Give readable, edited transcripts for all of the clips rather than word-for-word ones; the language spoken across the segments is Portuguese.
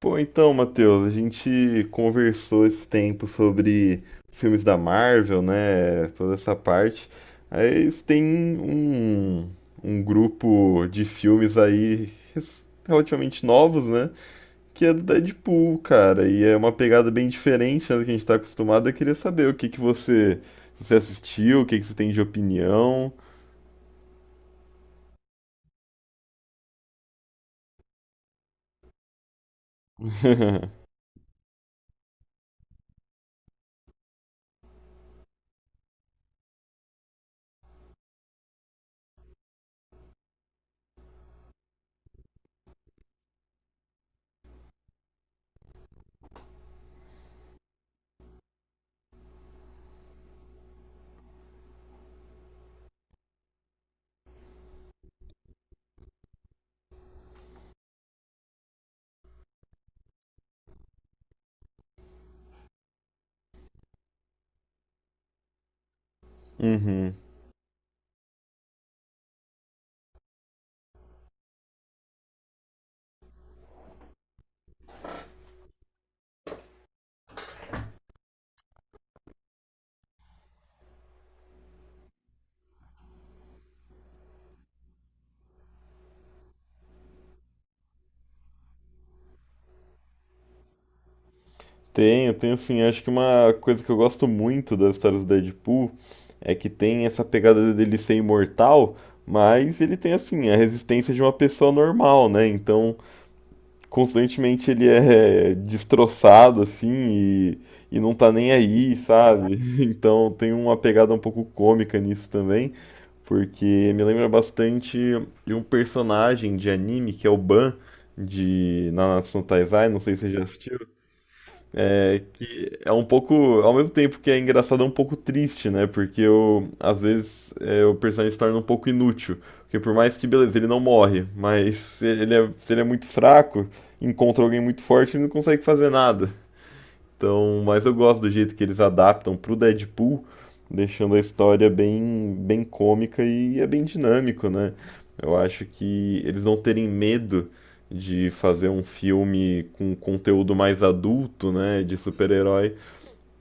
Pô, então, Matheus, a gente conversou esse tempo sobre os filmes da Marvel, né? Toda essa parte. Aí isso tem um grupo de filmes aí relativamente novos, né? Que é do Deadpool, cara. E é uma pegada bem diferente, né, do que a gente tá acostumado. Eu queria saber o que que você, você assistiu, o que que você tem de opinião. Uhum. Tenho, tenho sim. Acho que uma coisa que eu gosto muito das histórias do Deadpool é que tem essa pegada dele ser imortal, mas ele tem assim a resistência de uma pessoa normal, né? Então, constantemente ele é destroçado assim e não tá nem aí, sabe? Então, tem uma pegada um pouco cômica nisso também, porque me lembra bastante de um personagem de anime que é o Ban de Nanatsu no Taizai, não sei se você já assistiu. É, que é um pouco, ao mesmo tempo que é engraçado, é um pouco triste, né? Porque eu, às vezes é, o personagem se torna um pouco inútil. Porque por mais que, beleza, ele não morre, mas se ele é, se ele é muito fraco, encontra alguém muito forte, ele não consegue fazer nada. Então, mas eu gosto do jeito que eles adaptam pro Deadpool, deixando a história bem, bem cômica e é bem dinâmico, né? Eu acho que eles não terem medo de fazer um filme com conteúdo mais adulto, né, de super-herói,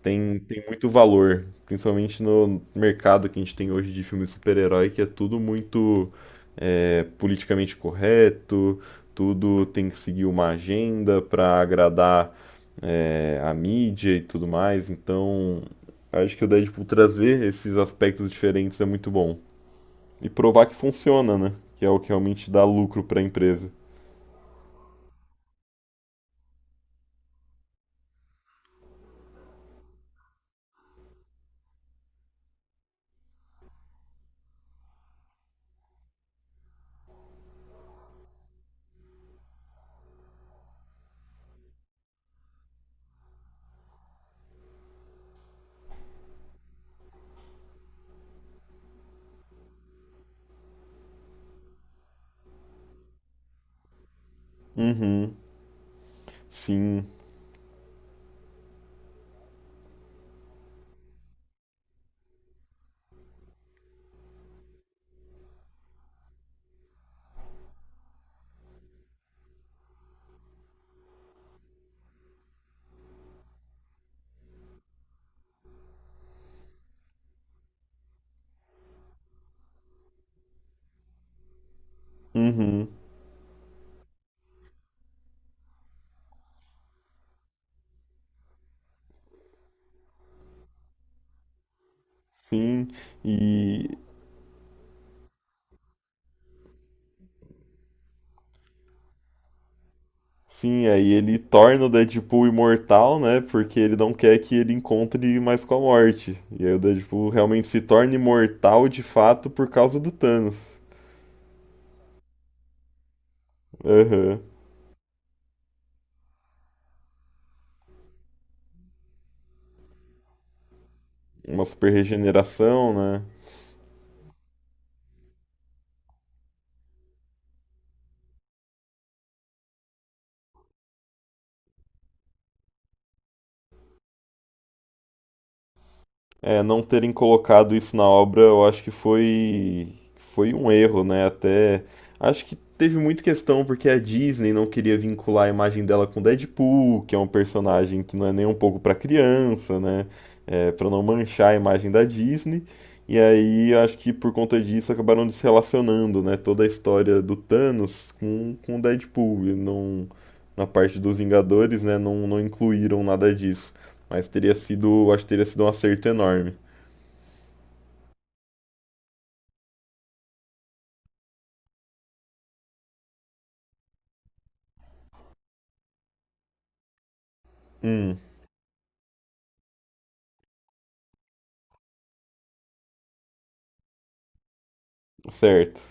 tem muito valor, principalmente no mercado que a gente tem hoje de filme de super-herói, que é tudo muito é, politicamente correto, tudo tem que seguir uma agenda para agradar é, a mídia e tudo mais. Então, acho que o Deadpool trazer esses aspectos diferentes é muito bom. E provar que funciona, né? Que é o que realmente dá lucro para a empresa. Uhum, sim, uhum, sim. E sim, aí ele torna o Deadpool imortal, né? Porque ele não quer que ele encontre mais com a morte. E aí o Deadpool realmente se torna imortal de fato por causa do Thanos. Aham. Uma super regeneração, né? É, não terem colocado isso na obra, eu acho que foi foi um erro, né? Até acho que teve muita questão porque a Disney não queria vincular a imagem dela com Deadpool, que é um personagem que não é nem um pouco para criança, né? É, para não manchar a imagem da Disney. E aí acho que por conta disso acabaram desrelacionando, né? Toda a história do Thanos com o Deadpool, e não na parte dos Vingadores, né? Não incluíram nada disso. Mas teria sido, acho que teria sido um acerto enorme. Hum, certo.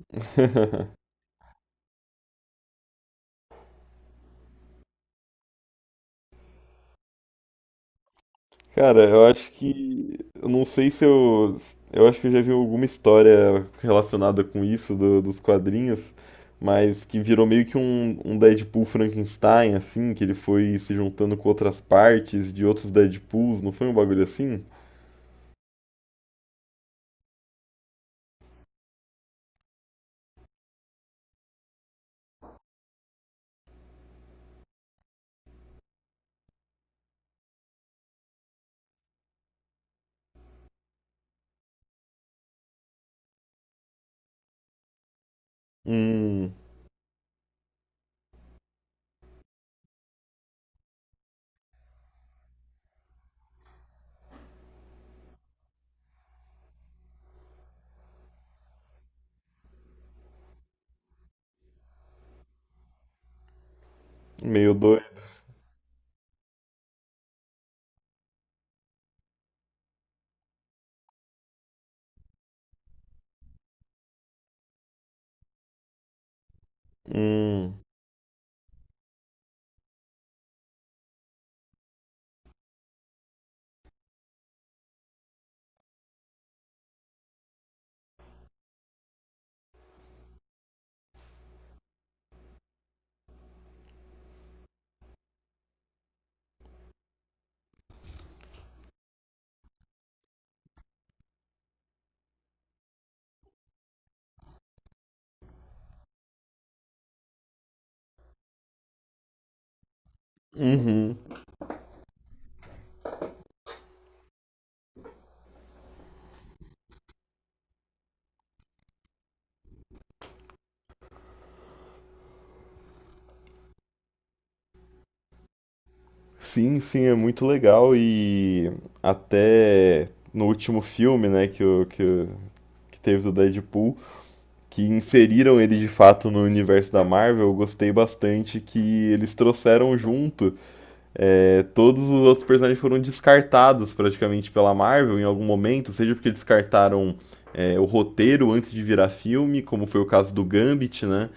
Cara, eu acho que. Eu não sei se eu. Eu acho que eu já vi alguma história relacionada com isso, dos quadrinhos, mas que virou meio que um Deadpool Frankenstein, assim, que ele foi se juntando com outras partes de outros Deadpools, não foi um bagulho assim? Hum, meio doido. Hum, uhum. Sim, sim, é muito legal e até no último filme, né, que teve do Deadpool, que inseriram ele de fato no universo da Marvel, eu gostei bastante que eles trouxeram junto. É, todos os outros personagens foram descartados praticamente pela Marvel em algum momento, seja porque descartaram é, o roteiro antes de virar filme, como foi o caso do Gambit, né?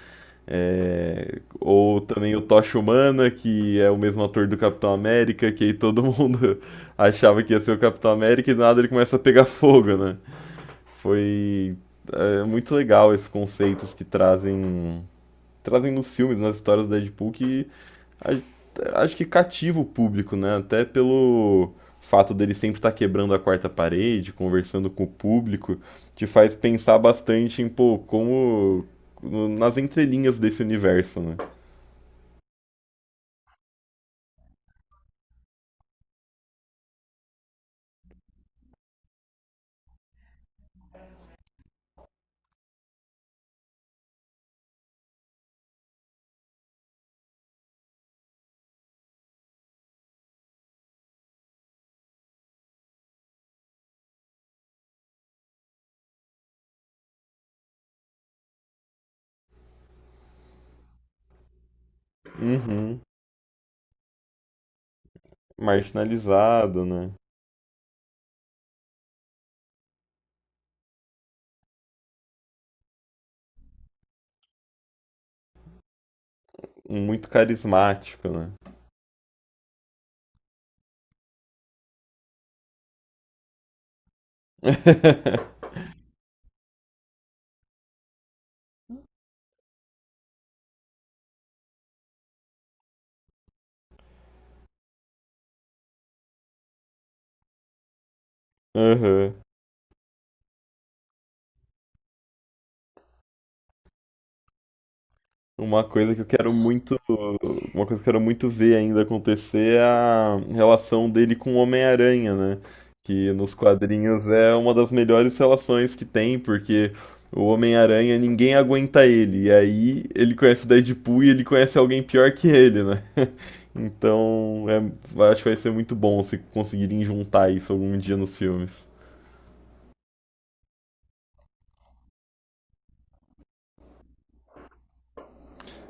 É, ou também o Tocha Humana, que é o mesmo ator do Capitão América, que aí todo mundo achava que ia ser o Capitão América e do nada ele começa a pegar fogo, né? Foi é, muito legal esses conceitos que trazem nos filmes, nas histórias do Deadpool, que acho que cativa o público, né? Até pelo fato dele sempre estar quebrando a quarta parede, conversando com o público, te faz pensar bastante em, pô, como nas entrelinhas desse universo, né? Uhum. Marginalizado, né? Muito carismático, né? Aham. Uma coisa que eu quero muito, uma coisa que eu quero muito ver ainda acontecer é a relação dele com o Homem-Aranha, né? Que nos quadrinhos é uma das melhores relações que tem, porque o Homem-Aranha ninguém aguenta ele. E aí ele conhece o Deadpool e ele conhece alguém pior que ele, né? Então, é, acho que vai ser muito bom se conseguirem juntar isso algum dia nos filmes.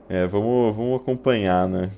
É, vamos, vamos acompanhar, né?